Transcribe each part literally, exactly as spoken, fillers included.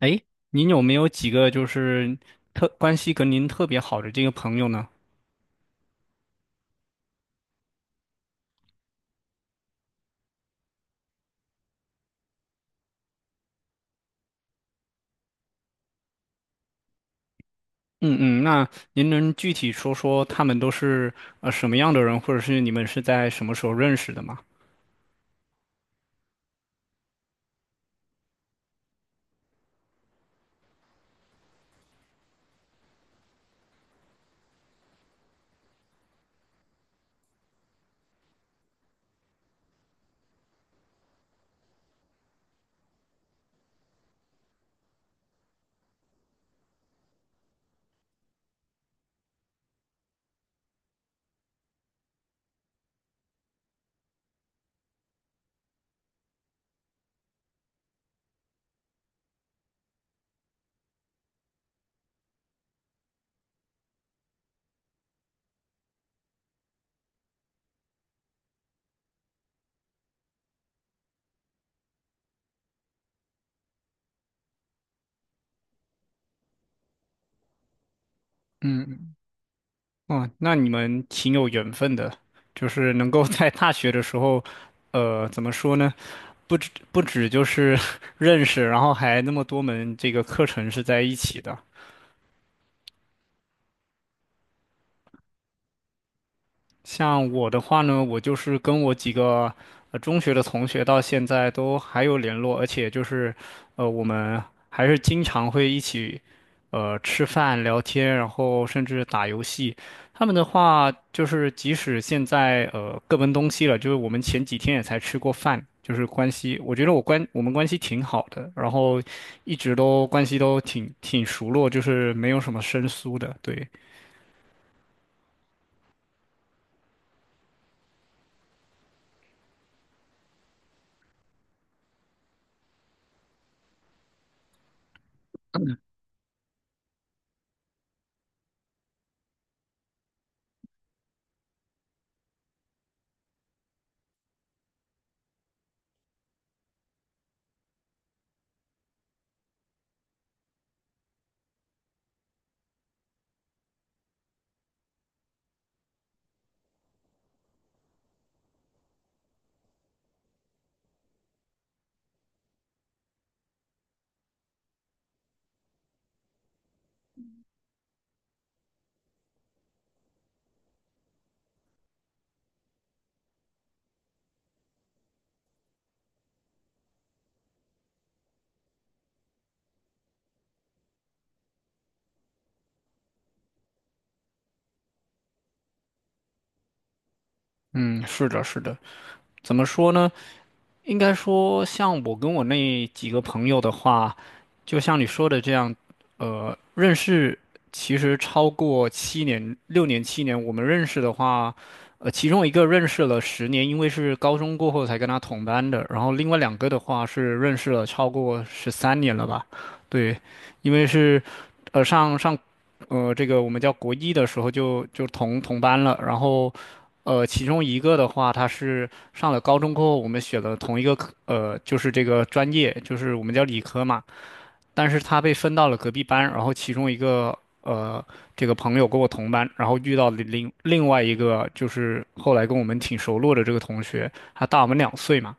哎，您有没有几个就是特关系跟您特别好的这个朋友呢？嗯嗯，那您能具体说说他们都是呃什么样的人，或者是你们是在什么时候认识的吗？嗯嗯，哦，那你们挺有缘分的，就是能够在大学的时候，呃，怎么说呢？不止不止就是 认识，然后还那么多门这个课程是在一起的。像我的话呢，我就是跟我几个呃中学的同学到现在都还有联络，而且就是呃我们还是经常会一起呃吃饭聊天，然后甚至打游戏。他们的话就是即使现在呃各奔东西了，就是我们前几天也才吃过饭，就是关系，我觉得我关我们关系挺好的，然后一直都关系都挺挺熟络，就是没有什么生疏的，对。嗯，是的，是的。怎么说呢？应该说，像我跟我那几个朋友的话，就像你说的这样，呃，认识其实超过七年、六年、七年，我们认识的话，呃，其中一个认识了十年，因为是高中过后才跟他同班的，然后另外两个的话是认识了超过十三年了吧？对，因为是，呃，上上，呃，这个我们叫国一的时候就就同同班了，然后，呃，其中一个的话他是。上了高中过后，我们选了同一个科，呃，就是这个专业，就是我们叫理科嘛。但是他被分到了隔壁班，然后其中一个呃，这个朋友跟我同班，然后遇到了另另外一个，就是后来跟我们挺熟络的这个同学，他大我们两岁嘛，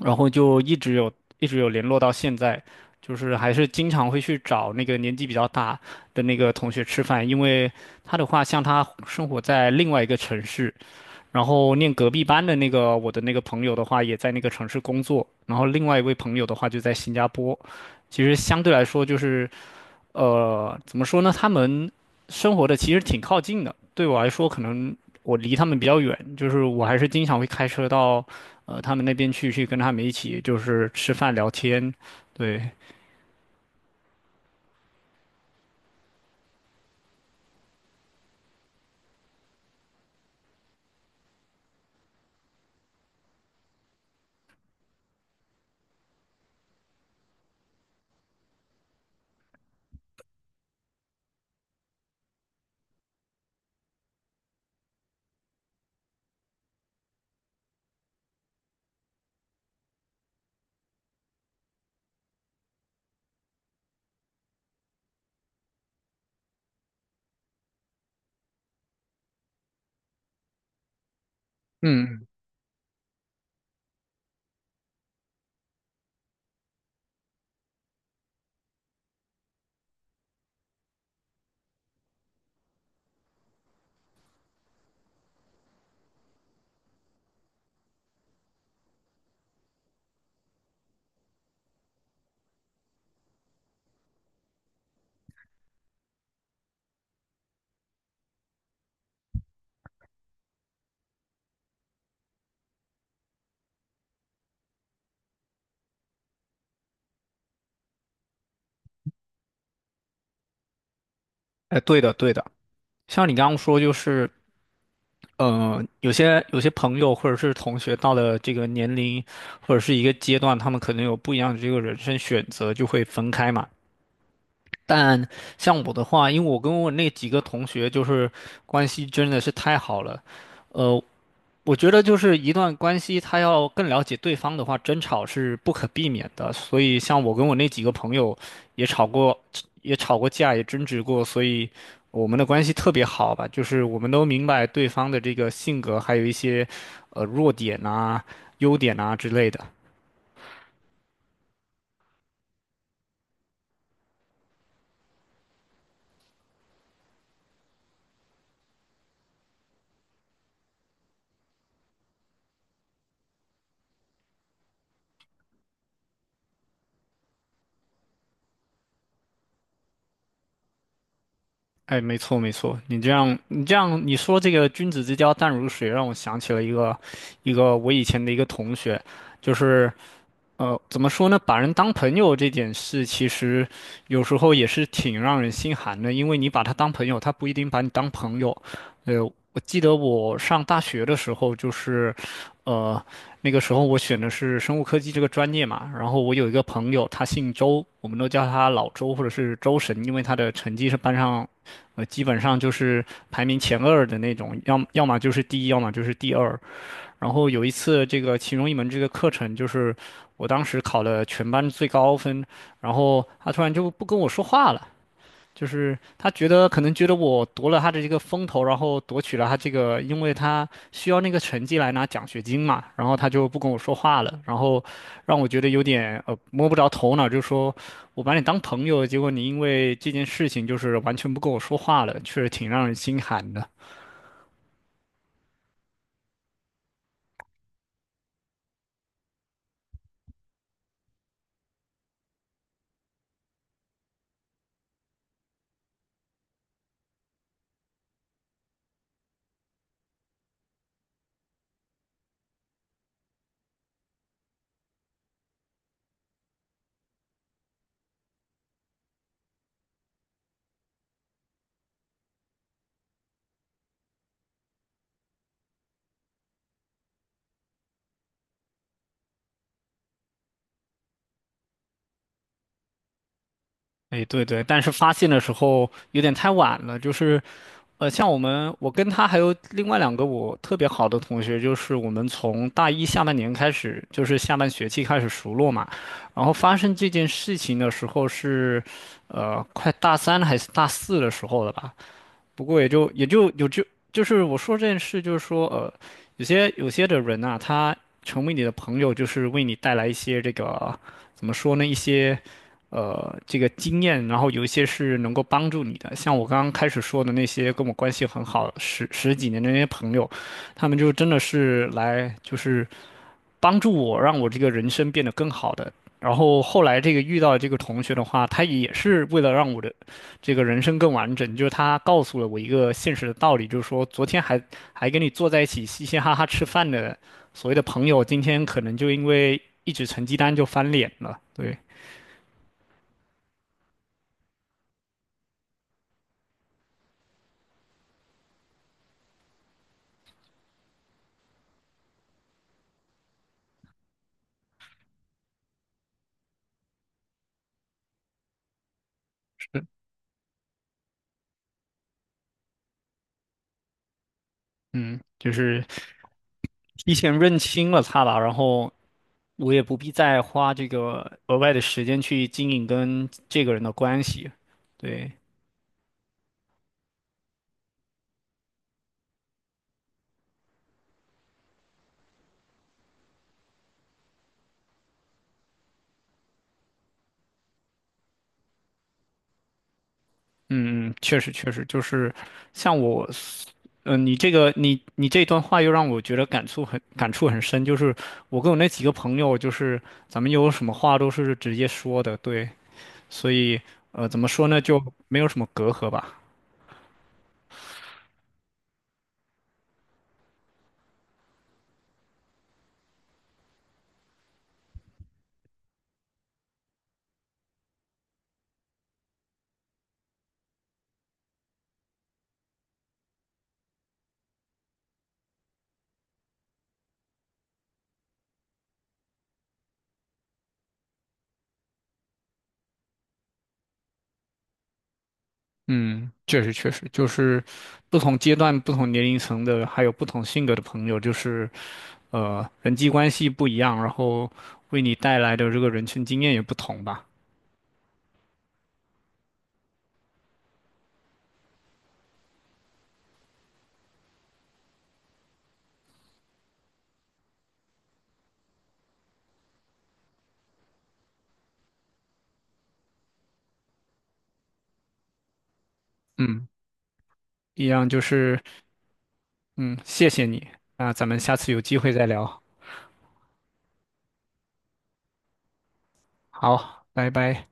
然后就一直有一直有联络到现在，就是还是经常会去找那个年纪比较大的那个同学吃饭，因为他的话，像他生活在另外一个城市。然后念隔壁班的那个我的那个朋友的话，也在那个城市工作。然后另外一位朋友的话就在新加坡。其实相对来说，就是呃，怎么说呢？他们生活的其实挺靠近的。对我来说，可能我离他们比较远，就是我还是经常会开车到呃他们那边去，去跟他们一起就是吃饭聊天。对，嗯，哎，对的，对的。像你刚刚说，就是呃，有些有些朋友或者是同学到了这个年龄或者是一个阶段，他们可能有不一样的这个人生选择，就会分开嘛。但像我的话，因为我跟我那几个同学就是关系真的是太好了，呃，我觉得就是一段关系，他要更了解对方的话，争吵是不可避免的。所以，像我跟我那几个朋友也吵过，也吵过架，也争执过，所以我们的关系特别好吧。就是我们都明白对方的这个性格，还有一些呃弱点啊、优点啊之类的。哎，没错没错，你这样你这样你说这个君子之交淡如水，让我想起了一个一个我以前的一个同学，就是。呃，怎么说呢？把人当朋友这件事，其实有时候也是挺让人心寒的，因为你把他当朋友，他不一定把你当朋友。呃，我记得我上大学的时候，就是，呃，那个时候我选的是生物科技这个专业嘛，然后我有一个朋友，他姓周，我们都叫他老周或者是周神，因为他的成绩是班上，呃，基本上就是排名前二的那种，要么要么就是第一，要么就是第二。然后有一次，这个其中一门这个课程，就是我当时考了全班最高分，然后他突然就不跟我说话了，就是他觉得可能觉得我夺了他的这个风头，然后夺取了他这个，因为他需要那个成绩来拿奖学金嘛，然后他就不跟我说话了，然后让我觉得有点呃摸不着头脑，就说我把你当朋友，结果你因为这件事情就是完全不跟我说话了，确实挺让人心寒的。哎，对对，但是发现的时候有点太晚了，就是，呃，像我们，我跟他还有另外两个我特别好的同学，就是我们从大一下半年开始，就是下半学期开始熟络嘛，然后发生这件事情的时候是，呃，快大三还是大四的时候了吧？不过也就也就有就就是我说这件事，就是说呃，有些有些的人啊，他成为你的朋友，就是为你带来一些这个怎么说呢，一些呃这个经验，然后有一些是能够帮助你的。像我刚刚开始说的那些跟我关系很好十十几年的那些朋友，他们就真的是来就是。帮助我让我这个人生变得更好的。然后后来这个遇到这个同学的话，他也是为了让我的这个人生更完整，就是他告诉了我一个现实的道理，就是说昨天还还跟你坐在一起嘻嘻哈哈吃饭的所谓的朋友，今天可能就因为一纸成绩单就翻脸了。对，是，嗯，就是提前认清了他吧，然后我也不必再花这个额外的时间去经营跟这个人的关系。对，嗯嗯确实确实，就是像我，嗯、你这个你你这段话又让我觉得感触很感触很深，就是我跟我那几个朋友，就是咱们有什么话都是直接说的，对，所以呃，怎么说呢，就没有什么隔阂吧。嗯，确实确实，就是不同阶段、不同年龄层的，还有不同性格的朋友，就是呃，人际关系不一样，然后为你带来的这个人生经验也不同吧。嗯，一样就是。嗯，谢谢你，那咱们下次有机会再聊。好，拜拜。